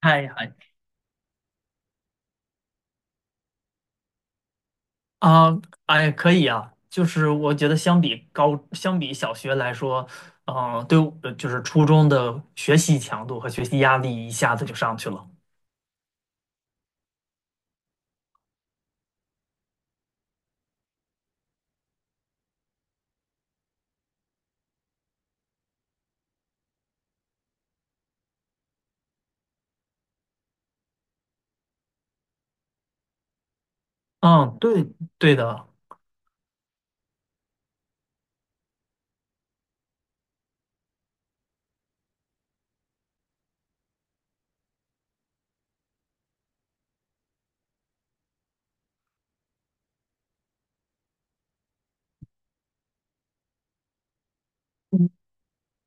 嗨嗨啊，哎，可以啊，就是我觉得相比高，相比小学来说，对我就是初中的学习强度和学习压力一下子就上去了。嗯，对，对的。嗯，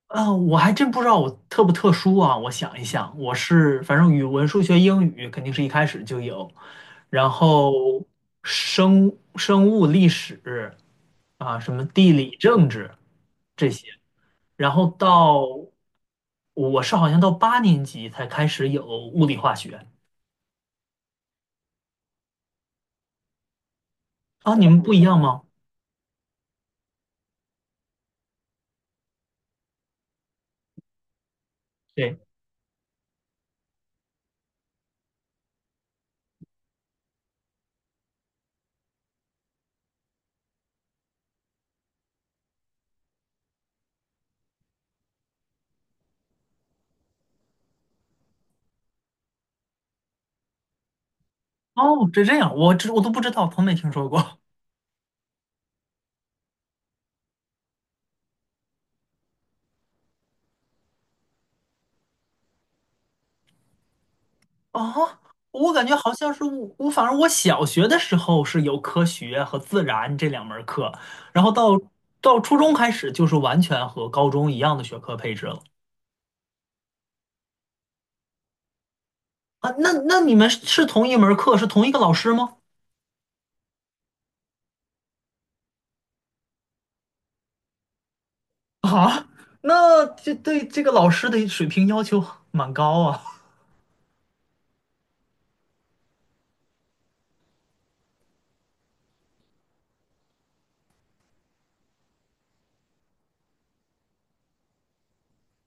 啊，我还真不知道我特不特殊啊。我想一想，我是反正语文、数学、英语肯定是一开始就有，然后生物、历史啊，什么地理、政治这些。然后到我是好像到八年级才开始有物理化学啊，你们不一样吗？对，哦，这这样，我都不知道，从没听说过啊。我感觉好像是我，我反正我小学的时候是有科学和自然这两门儿课，然后到初中开始就是完全和高中一样的学科配置了啊。那那你们是同一门儿课，是同一个老师吗？啊，那这对这个老师的水平要求蛮高啊。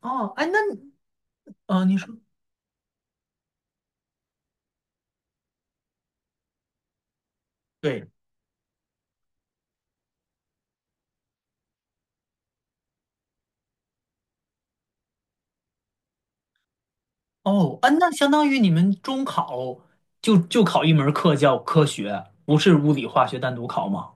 哦，哎，那你说对，哦，哎，那相当于你们中考就考一门课叫科学，不是物理化学单独考吗？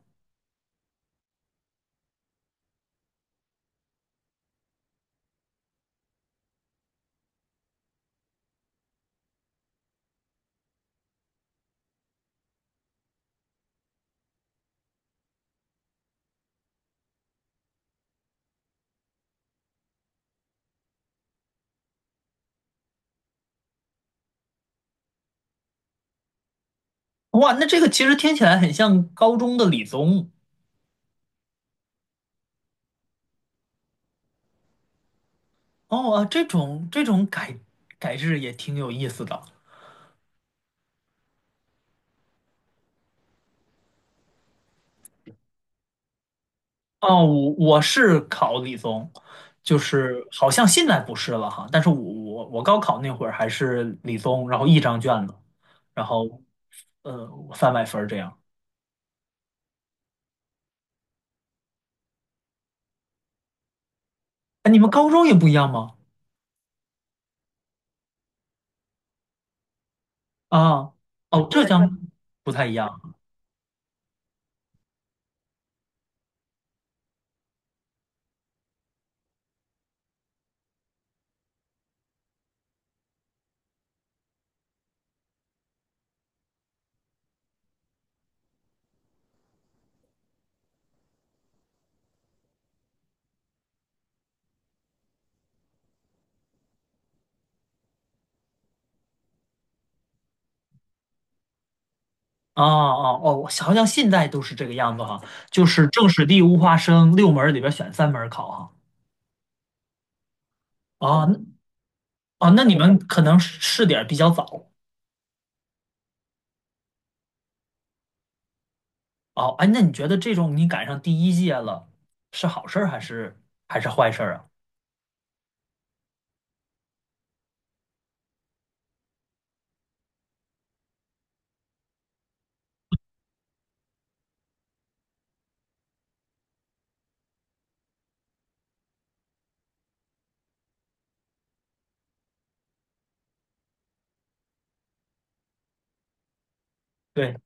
哇，那这个其实听起来很像高中的理综哦，啊，这种改制也挺有意思的哦。我我是考理综，就是好像现在不是了哈，但是我我高考那会儿还是理综，然后一张卷子，然后呃三百分儿这样。哎，你们高中也不一样吗？啊，哦，浙江不太一样。啊哦哦，好像现在都是这个样子哈，就是政史地物化生六门儿里边选三门儿考哈。啊哦那你们可能是试点儿比较早。哦，哎，那你觉得这种你赶上第一届了，是好事儿还是坏事儿啊？对，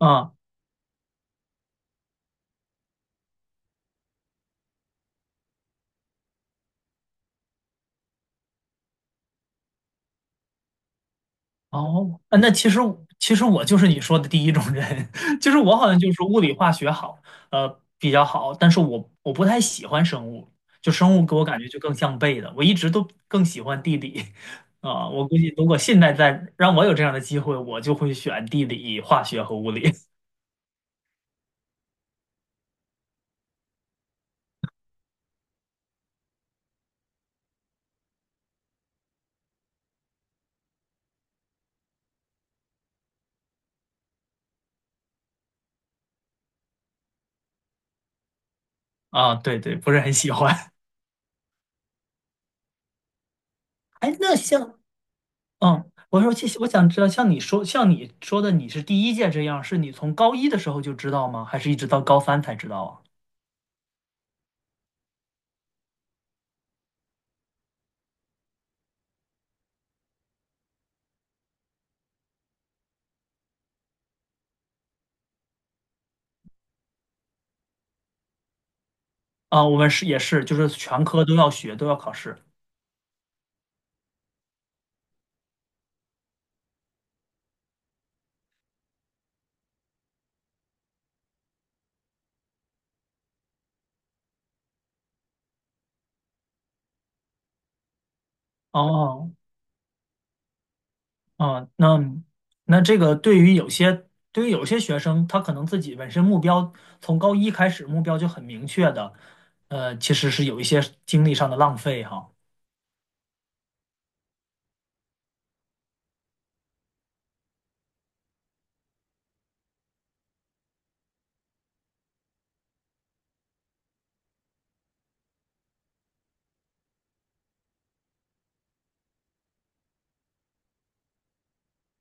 啊。哦，啊那其实我就是你说的第一种人，就是我好像就是物理化学好，呃，比较好，但是我不太喜欢生物，就生物给我感觉就更像背的，我一直都更喜欢地理，我估计如果现在再让我有这样的机会，我就会选地理、化学和物理，对对，不是很喜欢。哎，那像，嗯，我说其实我想知道，像你说的，你是第一届这样，是你从高一的时候就知道吗？还是一直到高三才知道啊？啊，我们是也是，就是全科都要学，都要考试。哦，啊，那那这个对于有些学生，他可能自己本身从高一开始目标就很明确的，呃，其实是有一些精力上的浪费哈。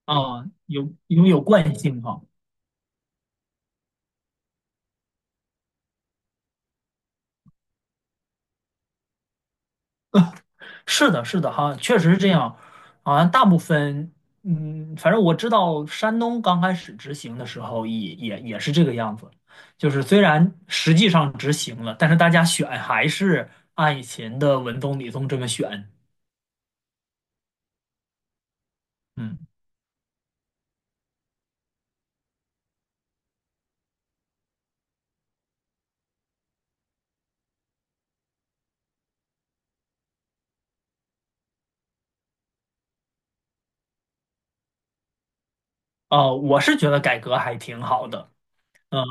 啊，有因为有惯性哈。是的，是的，哈，确实是这样。好像大部分，嗯，反正我知道山东刚开始执行的时候也，也也是这个样子。就是虽然实际上执行了，但是大家选还是按以前的文综、理综这么选。嗯，哦，我是觉得改革还挺好的。嗯、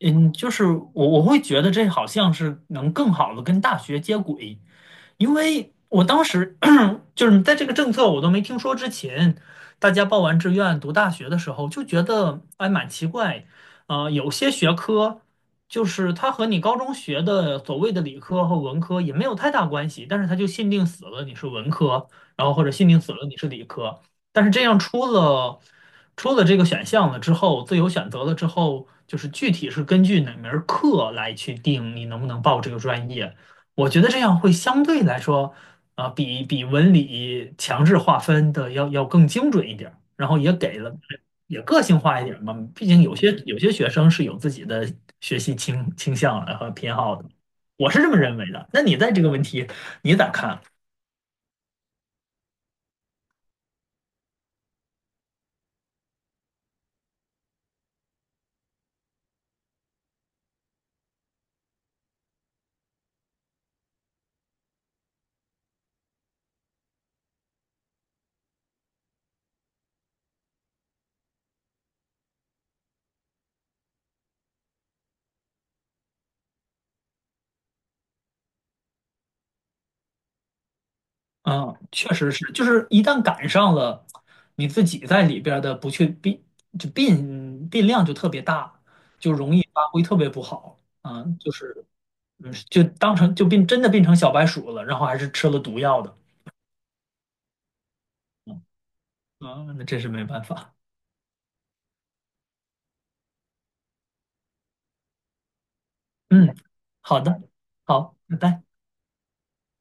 嗯，就是我我会觉得这好像是能更好的跟大学接轨，因为我当时就是在这个政策我都没听说之前，大家报完志愿读大学的时候就觉得哎蛮奇怪，呃，有些学科就是它和你高中学的所谓的理科和文科也没有太大关系，但是它就限定死了你是文科，然后或者限定死了你是理科，但是这样出了这个选项了之后，自由选择了之后，就是具体是根据哪门儿课来去定你能不能报这个专业。我觉得这样会相对来说啊，比文理强制划分的要更精准一点儿，然后也给了也个性化一点儿嘛。毕竟有些学生是有自己的学习倾向和偏好的，我是这么认为的。那你在这个问题你咋看？啊，确实是，就是一旦赶上了，你自己在里边儿的不确定变量就特别大，就容易发挥特别不好啊，就是嗯，就当成真的变成小白鼠了，然后还是吃了毒药的。嗯啊，那真是没办法。嗯，好的，好，拜拜。